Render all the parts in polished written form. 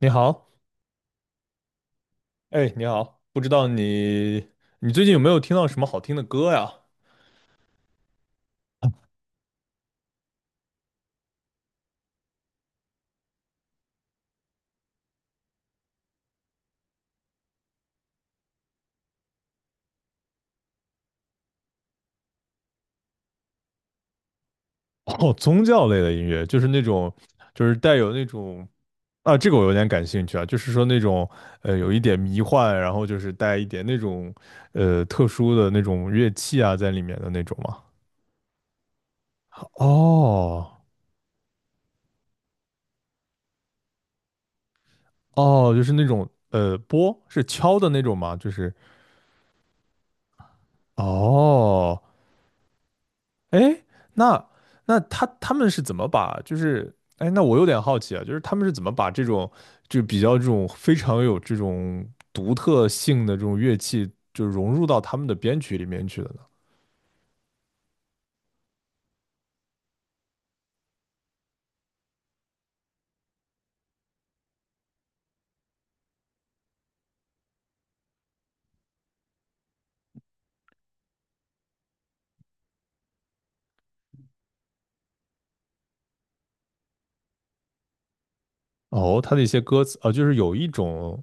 你好。哎，你好。不知道你最近有没有听到什么好听的歌呀？哦，宗教类的音乐，就是那种，就是带有那种，啊，这个我有点感兴趣啊，就是说那种有一点迷幻，然后就是带一点那种特殊的那种乐器啊在里面的那种嘛。哦哦，就是那种拨是敲的那种吗？就是，哦，哎，那那他们是怎么把就是哎，那我有点好奇啊，就是他们是怎么把这种就比较这种非常有这种独特性的这种乐器，就融入到他们的编曲里面去的呢？哦，他的一些歌词啊，就是有一种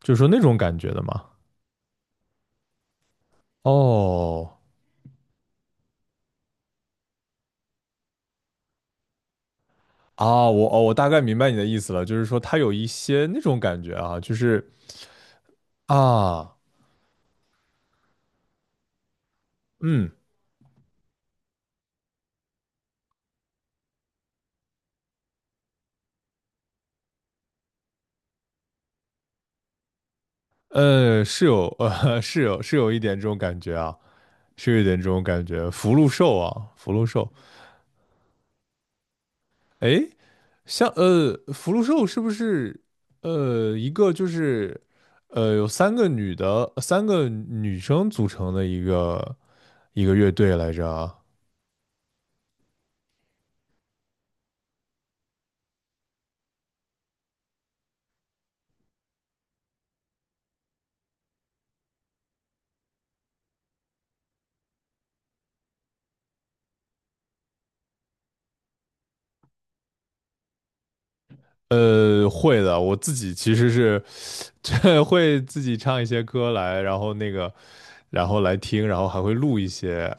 就是说那种感觉的嘛。哦，啊，我哦，我大概明白你的意思了，就是说他有一些那种感觉啊，就是啊。嗯，是有是有一点这种感觉啊。是有点这种感觉。福禄寿啊，福禄寿。哎，像福禄寿是不是一个就是有三个女的，三个女生组成的一个乐队来着啊？会的，我自己其实是 会自己唱一些歌来，然后那个，然后来听，然后还会录一些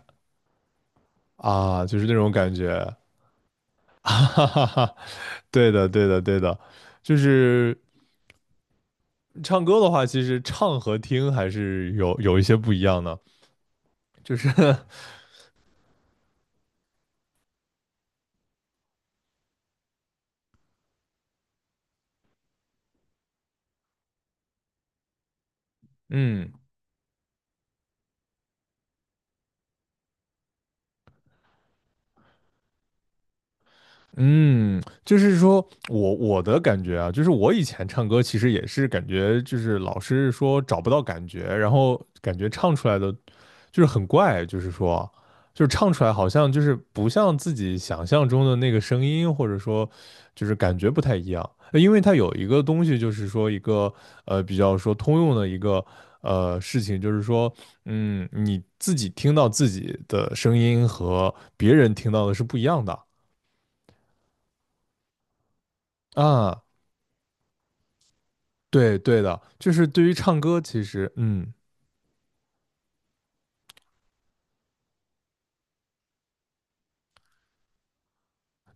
啊，就是那种感觉。哈哈哈哈。对的，对的，对的。就是唱歌的话，其实唱和听还是有一些不一样的，就是嗯。嗯，就是说我的感觉啊，就是我以前唱歌其实也是感觉，就是老是说找不到感觉，然后感觉唱出来的就是很怪，就是说，就是唱出来好像就是不像自己想象中的那个声音，或者说就是感觉不太一样。因为它有一个东西，就是说一个比较说通用的一个事情，就是说，嗯，你自己听到自己的声音和别人听到的是不一样的。啊，对对的，就是对于唱歌，其实嗯。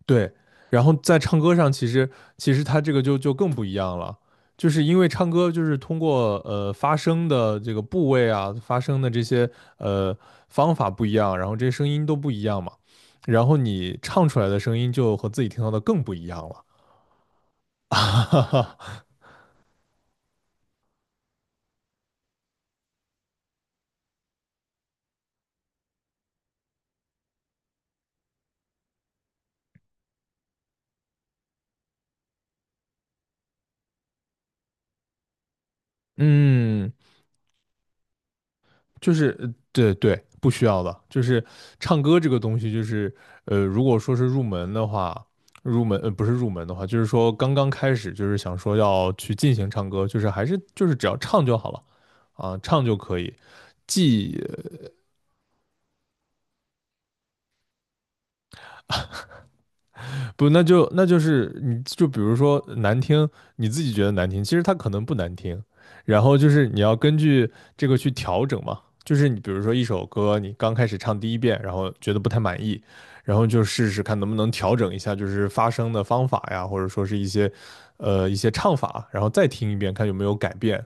对，然后在唱歌上，其实他这个就更不一样了，就是因为唱歌就是通过发声的这个部位啊，发声的这些呃方法不一样，然后这些声音都不一样嘛，然后你唱出来的声音就和自己听到的更不一样了。嗯，就是对对，不需要的。就是唱歌这个东西，就是如果说是入门的话，不是入门的话，就是说刚刚开始，就是想说要去进行唱歌，就是还是就是只要唱就好了啊，唱就可以，既。不，那就是你就比如说难听，你自己觉得难听，其实它可能不难听，然后就是你要根据这个去调整嘛。就是你比如说一首歌，你刚开始唱第一遍，然后觉得不太满意，然后就试试看能不能调整一下，就是发声的方法呀，或者说是一些一些唱法，然后再听一遍，看有没有改变。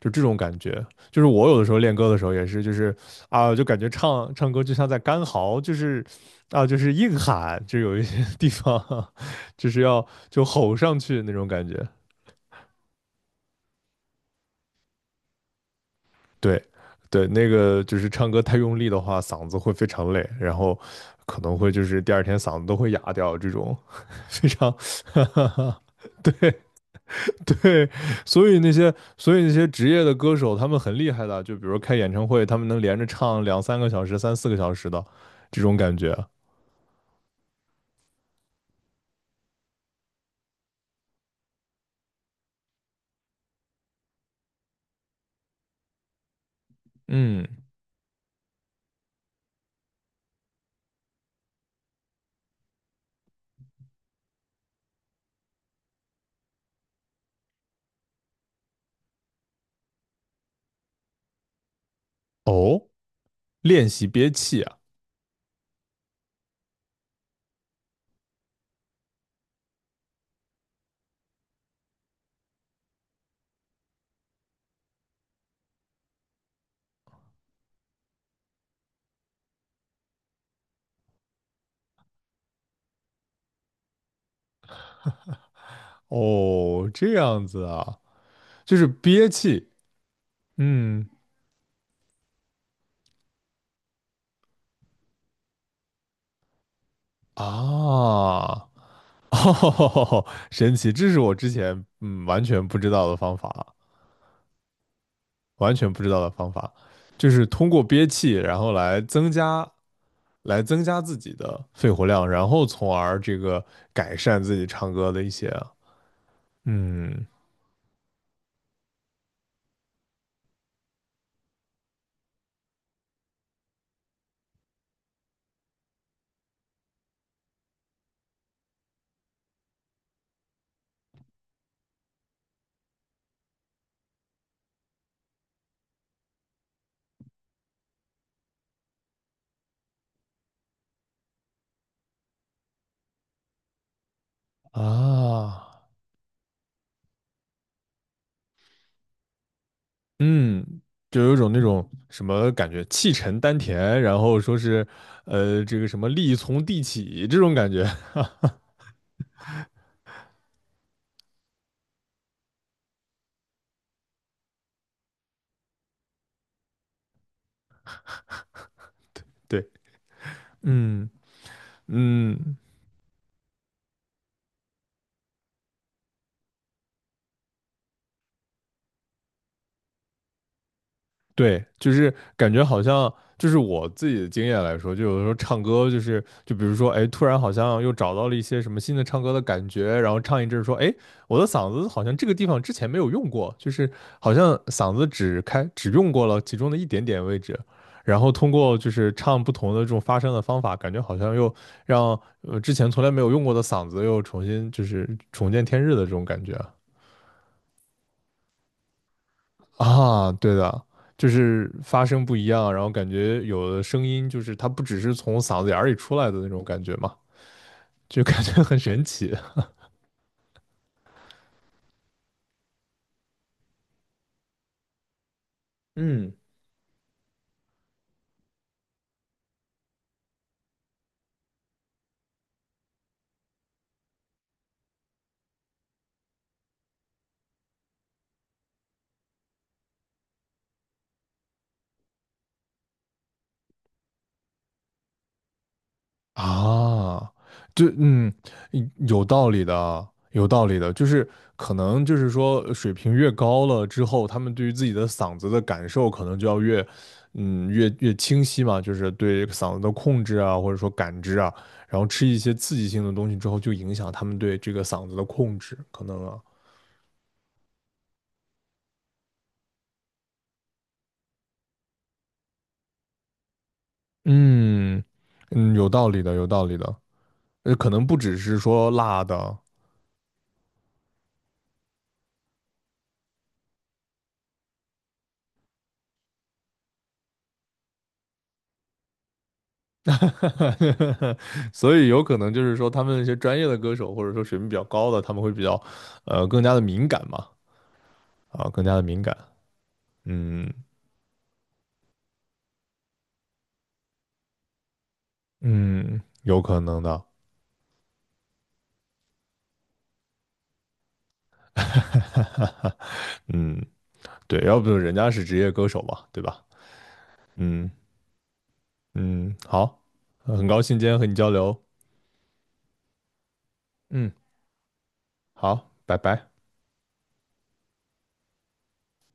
就这种感觉。就是我有的时候练歌的时候也是，就是啊，就感觉唱歌就像在干嚎，就是啊，就是硬喊，就有一些地方 就是要就吼上去那种感觉。对，对，那个就是唱歌太用力的话，嗓子会非常累，然后可能会就是第二天嗓子都会哑掉，这种非常 对。对，所以那些职业的歌手，他们很厉害的，就比如开演唱会，他们能连着唱两三个小时、三四个小时的这种感觉。嗯，哦，练习憋气啊。哦，这样子啊，就是憋气。嗯，啊，哦，神奇，这是我之前嗯完全不知道的方法，完全不知道的方法，就是通过憋气，然后来增加自己的肺活量，然后从而这个改善自己唱歌的一些，嗯，啊，嗯，就有一种那种什么感觉，气沉丹田，然后说是，这个什么力从地起这种感觉。对对。嗯，嗯，对，就是感觉好像，就是我自己的经验来说，就有的时候唱歌，就是就比如说，哎，突然好像又找到了一些什么新的唱歌的感觉，然后唱一阵儿说，哎，我的嗓子好像这个地方之前没有用过，就是好像嗓子只用过了其中的一点点位置，然后通过就是唱不同的这种发声的方法，感觉好像又让之前从来没有用过的嗓子又重新就是重见天日的这种感觉啊。啊，对的，就是发声不一样，然后感觉有的声音就是它不只是从嗓子眼儿里出来的那种感觉嘛，就感觉很神奇。嗯，啊。对，嗯，嗯有道理的，有道理的，就是可能就是说水平越高了之后，他们对于自己的嗓子的感受可能就要越，嗯，越清晰嘛，就是对嗓子的控制啊，或者说感知啊，然后吃一些刺激性的东西之后，就影响他们对这个嗓子的控制，可能啊。嗯，嗯，有道理的，有道理的。可能不只是说辣的。所以有可能就是说他们那些专业的歌手，或者说水平比较高的，他们会比较，更加的敏感嘛，啊，更加的敏感。嗯，嗯，有可能的。嗯，对，要不人家是职业歌手嘛，对吧？嗯，嗯，好，很高兴今天和你交流。嗯，好，拜拜。